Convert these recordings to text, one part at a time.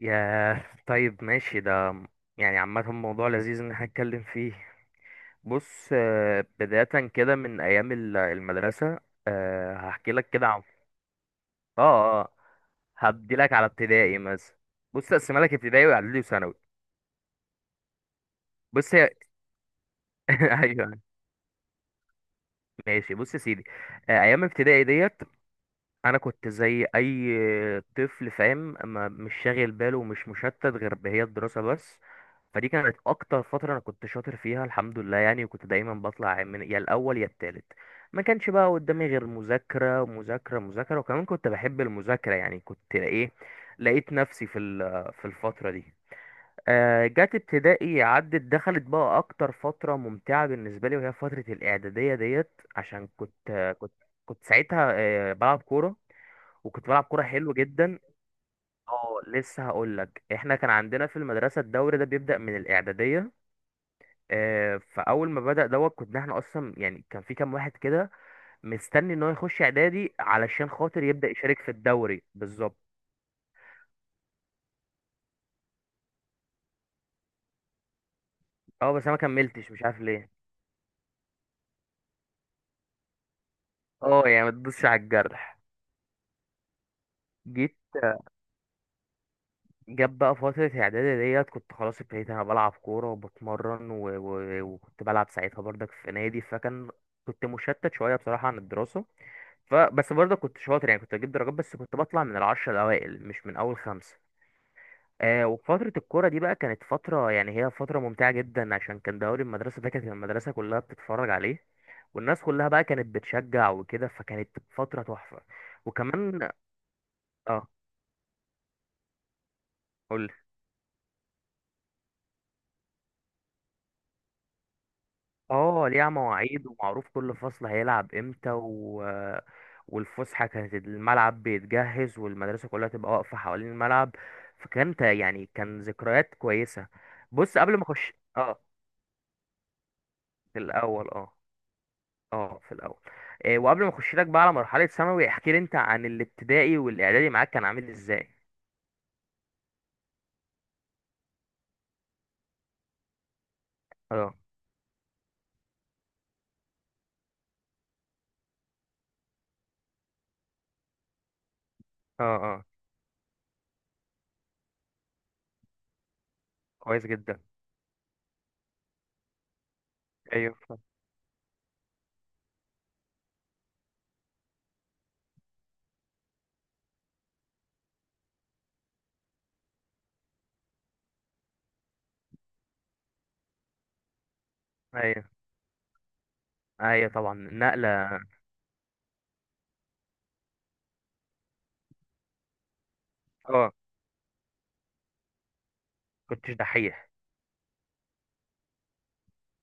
ياه، طيب، ماشي ده. يعني عامة، موضوع لذيذ إن احنا نتكلم فيه. بص، بداية كده من أيام المدرسة. هحكي لك كده عن. اه، اه، هبدي لك على ابتدائي مثلا. بص، أقسمها لك ابتدائي وإعدادي وثانوي. بص، أيوه. ماشي، بص يا سيدي. أيام ابتدائي ديت، انا كنت زي اي طفل، فاهم، ما مش شاغل باله ومش مشتت غير بهي الدراسه بس. فدي كانت اكتر فتره انا كنت شاطر فيها، الحمد لله، يعني، وكنت دايما بطلع من يا الاول يا التالت. ما كانش بقى قدامي غير مذاكره مذاكره مذاكره، وكمان كنت بحب المذاكره، يعني كنت ايه. لقيت نفسي في الفتره دي. جت ابتدائي، عدت دخلت بقى اكتر فتره ممتعه بالنسبه لي، وهي فتره الاعداديه ديت، عشان كنت كنت ساعتها بلعب كوره، وكنت بلعب كوره حلو جدا. اه، لسه هقول لك، احنا كان عندنا في المدرسه الدوري ده بيبدا من الاعداديه. فاول ما بدا دوت، كنا احنا اصلا يعني، كان في كام واحد كده مستني ان هو يخش اعدادي علشان خاطر يبدا يشارك في الدوري، بالظبط. اه، بس انا ما كملتش، مش عارف ليه. اه، يعني ما تدوسش على الجرح. جيت جاب بقى فترة إعدادي ديت، كنت خلاص ابتديت أنا بلعب كورة وبتمرن وكنت بلعب ساعتها برضك في نادي، فكان كنت مشتت شوية بصراحة عن الدراسة. بس برضه كنت شاطر، يعني كنت اجيب درجات، بس كنت بطلع من العشرة الاوائل مش من اول خمسة. وفترة الكورة دي بقى كانت فترة، يعني هي فترة ممتعة جدا، عشان كان دوري المدرسة ده، كانت المدرسة كلها بتتفرج عليه والناس كلها بقى كانت بتشجع وكده، فكانت فترة تحفة. وكمان، اه، قول. اه، ليها مواعيد ومعروف كل فصل هيلعب امتى. والفسحة كانت الملعب بيتجهز والمدرسة كلها تبقى واقفة حوالين الملعب، فكانت يعني كان ذكريات كويسة. بص، قبل ما اخش، اه. في الاول، اه. اه، في الاول. إيه، وقبل ما اخش لك بقى على مرحلة ثانوي، احكي لي انت عن الابتدائي والاعدادي معاك كان عامل ازاي؟ اه، اه، اه، كويس جدا. ايوه. ايوه، ايوه، طبعا نقلة. اه، كنتش دحيح.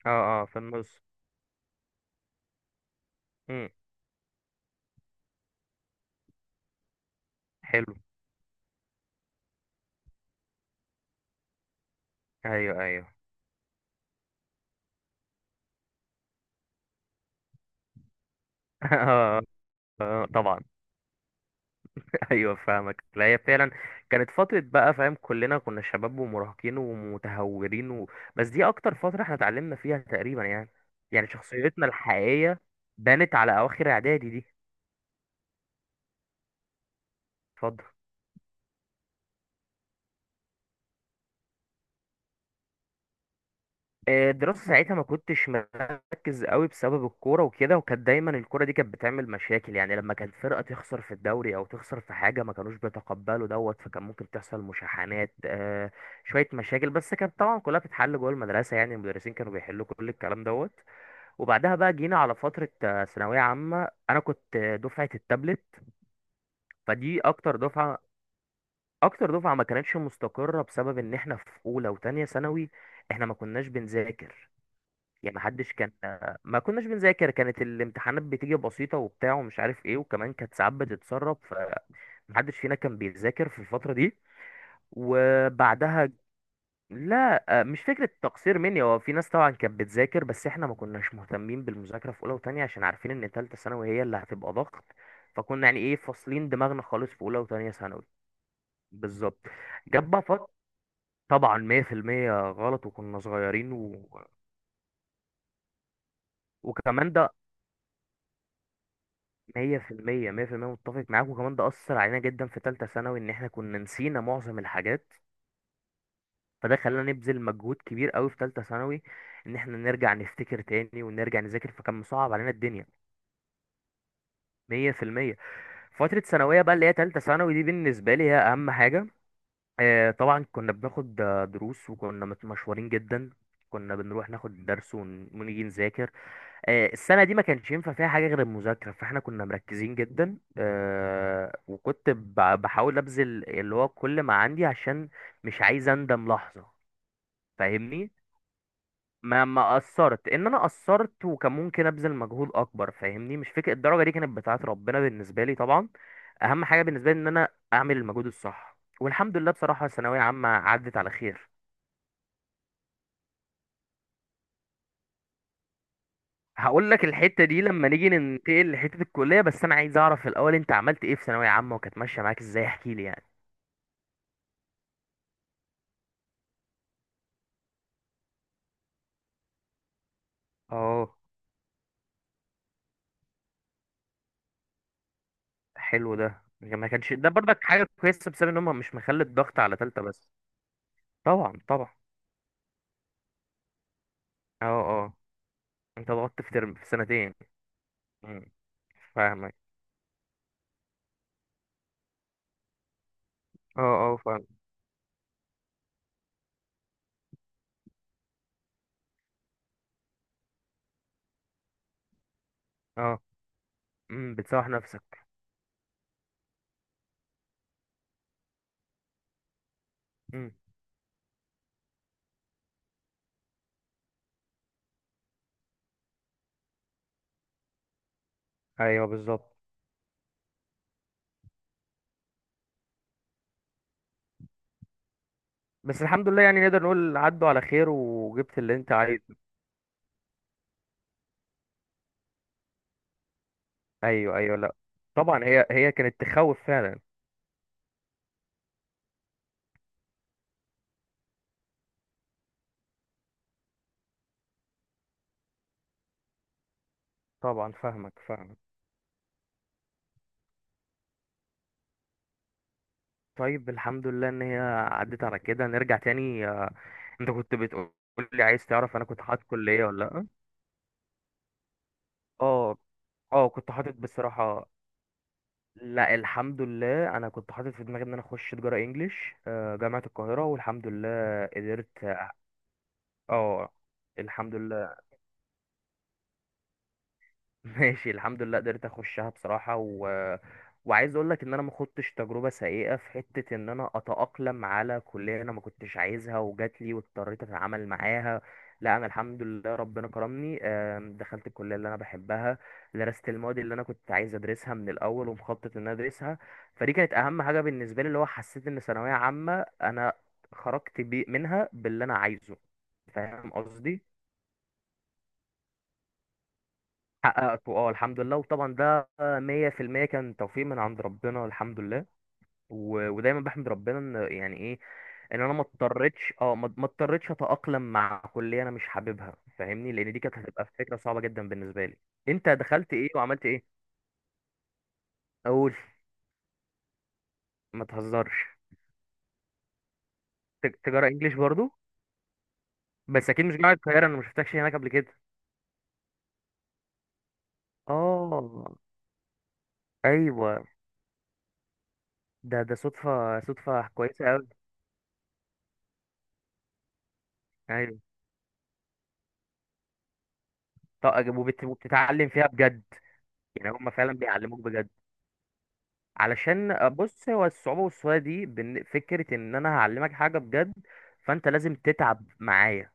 اه، اه، في النص. امم حلو. ايوه، ايوه. آه، آه، طبعا. ايوه، فاهمك. لا، هي فعلا كانت فتره بقى، فاهم، كلنا كنا شباب ومراهقين ومتهورين. بس دي اكتر فتره احنا اتعلمنا فيها تقريبا يعني. يعني شخصيتنا الحقيقيه بانت على اواخر اعدادي دي. اتفضل. الدراسة ساعتها ما كنتش مركز قوي بسبب الكورة وكده، وكانت دايما الكورة دي كانت بتعمل مشاكل، يعني لما كانت فرقة تخسر في الدوري أو تخسر في حاجة ما كانوش بيتقبلوا دوت، فكان ممكن تحصل مشاحنات، شوية مشاكل، بس كانت طبعا كلها بتتحل جوه المدرسة، يعني المدرسين كانوا بيحلوا كل الكلام دوت. وبعدها بقى جينا على فترة ثانوية عامة. أنا كنت دفعة التابلت. فدي أكتر دفعة ما كانتش مستقرة بسبب إن إحنا في أولى وتانية ثانوي. إحنا ما كناش بنذاكر، يعني محدش كان. ما كناش بنذاكر، كانت الامتحانات بتيجي بسيطة وبتاع ومش عارف ايه، وكمان كانت ساعات بتتسرب، فمحدش فينا كان بيذاكر في الفترة دي. وبعدها. لا، مش فكرة تقصير مني، هو في ناس طبعا كانت بتذاكر، بس احنا ما كناش مهتمين بالمذاكرة في أولى وتانية عشان عارفين إن تالتة ثانوي هي اللي هتبقى ضغط. فكنا يعني ايه، فاصلين دماغنا خالص في أولى وتانية ثانوي. بالظبط. جاب بقى فت- طبعا 100% غلط، وكنا صغيرين. وكمان ده مية في المية، مية في المية متفق معاك، وكمان ده أثر علينا جدا في تالتة ثانوي، إن إحنا كنا نسينا معظم الحاجات، فده خلانا نبذل مجهود كبير أوي في تالتة ثانوي، إن إحنا نرجع نفتكر تاني ونرجع نذاكر، فكان مصعب علينا الدنيا. مية في المية. فترة ثانوية بقى، اللي هي تالتة ثانوي دي، بالنسبة لي هي أهم حاجة. طبعا كنا بناخد دروس، وكنا مشوارين جدا، كنا بنروح ناخد درس ونيجي نذاكر. السنة دي ما كانش ينفع فيها حاجة غير المذاكرة، فاحنا كنا مركزين جدا. وكنت بحاول ابذل اللي هو كل ما عندي، عشان مش عايز اندم لحظة، فاهمني. ما قصرت، ان انا قصرت وكان ممكن ابذل مجهود اكبر، فاهمني، مش فكرة الدرجة دي، كانت بتاعت ربنا بالنسبة لي طبعا. اهم حاجة بالنسبة لي ان انا اعمل المجهود الصح، والحمد لله، بصراحة ثانوية عامة عدت على خير. هقول لك الحتة دي لما نيجي ننتقل لحتة الكلية، بس أنا عايز أعرف الأول أنت عملت إيه في ثانوية عامة وكانت ماشية معاك إزاي، احكي لي يعني. اه، حلو، ده ما كانش ده برضك حاجة كويسة بسبب إن هم مش مخلي الضغط على تالتة بس. طبعا، طبعا. أه، أه. أنت ضغطت في ترم في سنتين. مم. فاهمك. أه، أه، فاهم. أه. بتسوح نفسك. مم. ايوه، بالظبط. بس الحمد لله، يعني نقدر نقول عدوا على خير وجبت اللي أنت عايزه. ايوه، ايوه، لا. طبعا، هي كانت تخوف فعلا. طبعا، فاهمك فاهمك. طيب، الحمد لله ان هي عدت على كده. نرجع تاني، انت كنت بتقول لي عايز تعرف انا كنت حاطط كلية ولا لا. اه، اه، كنت حاطط بصراحة. لا، الحمد لله، انا كنت حاطط في دماغي ان انا اخش تجارة انجليش، جامعة القاهرة، والحمد لله قدرت. اه، الحمد لله. ماشي، الحمد لله قدرت اخشها بصراحة. وعايز اقول لك ان انا ما خدتش تجربة سيئة في حتة ان انا اتأقلم على كلية انا ما كنتش عايزها وجات لي واضطريت اتعامل معاها. لا، انا الحمد لله ربنا كرمني. دخلت الكلية اللي انا بحبها، درست المواد اللي انا كنت عايز ادرسها من الاول، ومخطط ان انا ادرسها. فدي كانت اهم حاجة بالنسبة لي، اللي هو حسيت ان ثانوية عامة انا خرجت بي منها باللي انا عايزه، فاهم قصدي؟ حققته، اه، الحمد لله. وطبعا ده مية في المية كان توفيق من عند ربنا، الحمد لله، ودايما بحمد ربنا ان يعني ايه. ان انا ما اضطريتش اه ما ما اضطريتش اتأقلم مع كلية انا مش حاببها، فاهمني، لان دي كانت هتبقى فكرة صعبة جدا بالنسبة لي. انت دخلت ايه وعملت ايه؟ اقول. ما تهزرش. تجارة انجليش برضو. بس اكيد مش جامعة القاهرة، انا ما شفتكش هناك قبل كده. اه. ايوه، ده صدفة كويسة قوي. ايوه. طب، وبتتعلم فيها بجد؟ يعني هم فعلا بيعلموك بجد؟ علشان بص، هو الصعوبة والسهولة دي فكرة ان انا هعلمك حاجة بجد، فانت لازم تتعب معايا.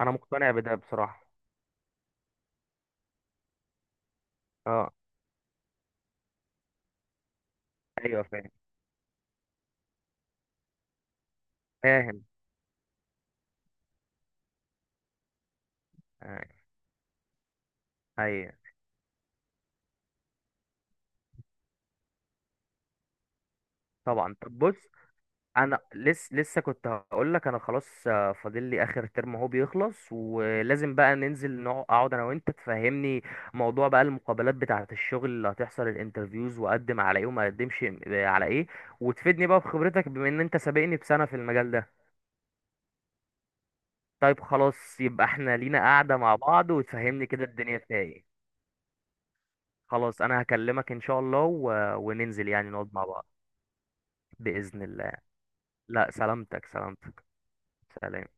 انا مقتنع بده بصراحة. اه. ايوه، فاهم فاهم. آه. ايوه. طبعا. طب بص، انا لسه كنت هقول لك انا خلاص، فاضل لي اخر ترم اهو بيخلص، ولازم بقى ننزل اقعد انا وانت تفهمني موضوع بقى المقابلات بتاعة الشغل اللي هتحصل، الانترفيوز، واقدم على ايه وما اقدمش على ايه، وتفيدني بقى بخبرتك بما ان انت سابقني بسنة في المجال ده. طيب، خلاص، يبقى احنا لينا قاعدة مع بعض وتفهمني كده الدنيا فيها ايه. خلاص، انا هكلمك ان شاء الله. وننزل يعني نقعد مع بعض، بإذن الله. لا، سلامتك سلامتك. سلام.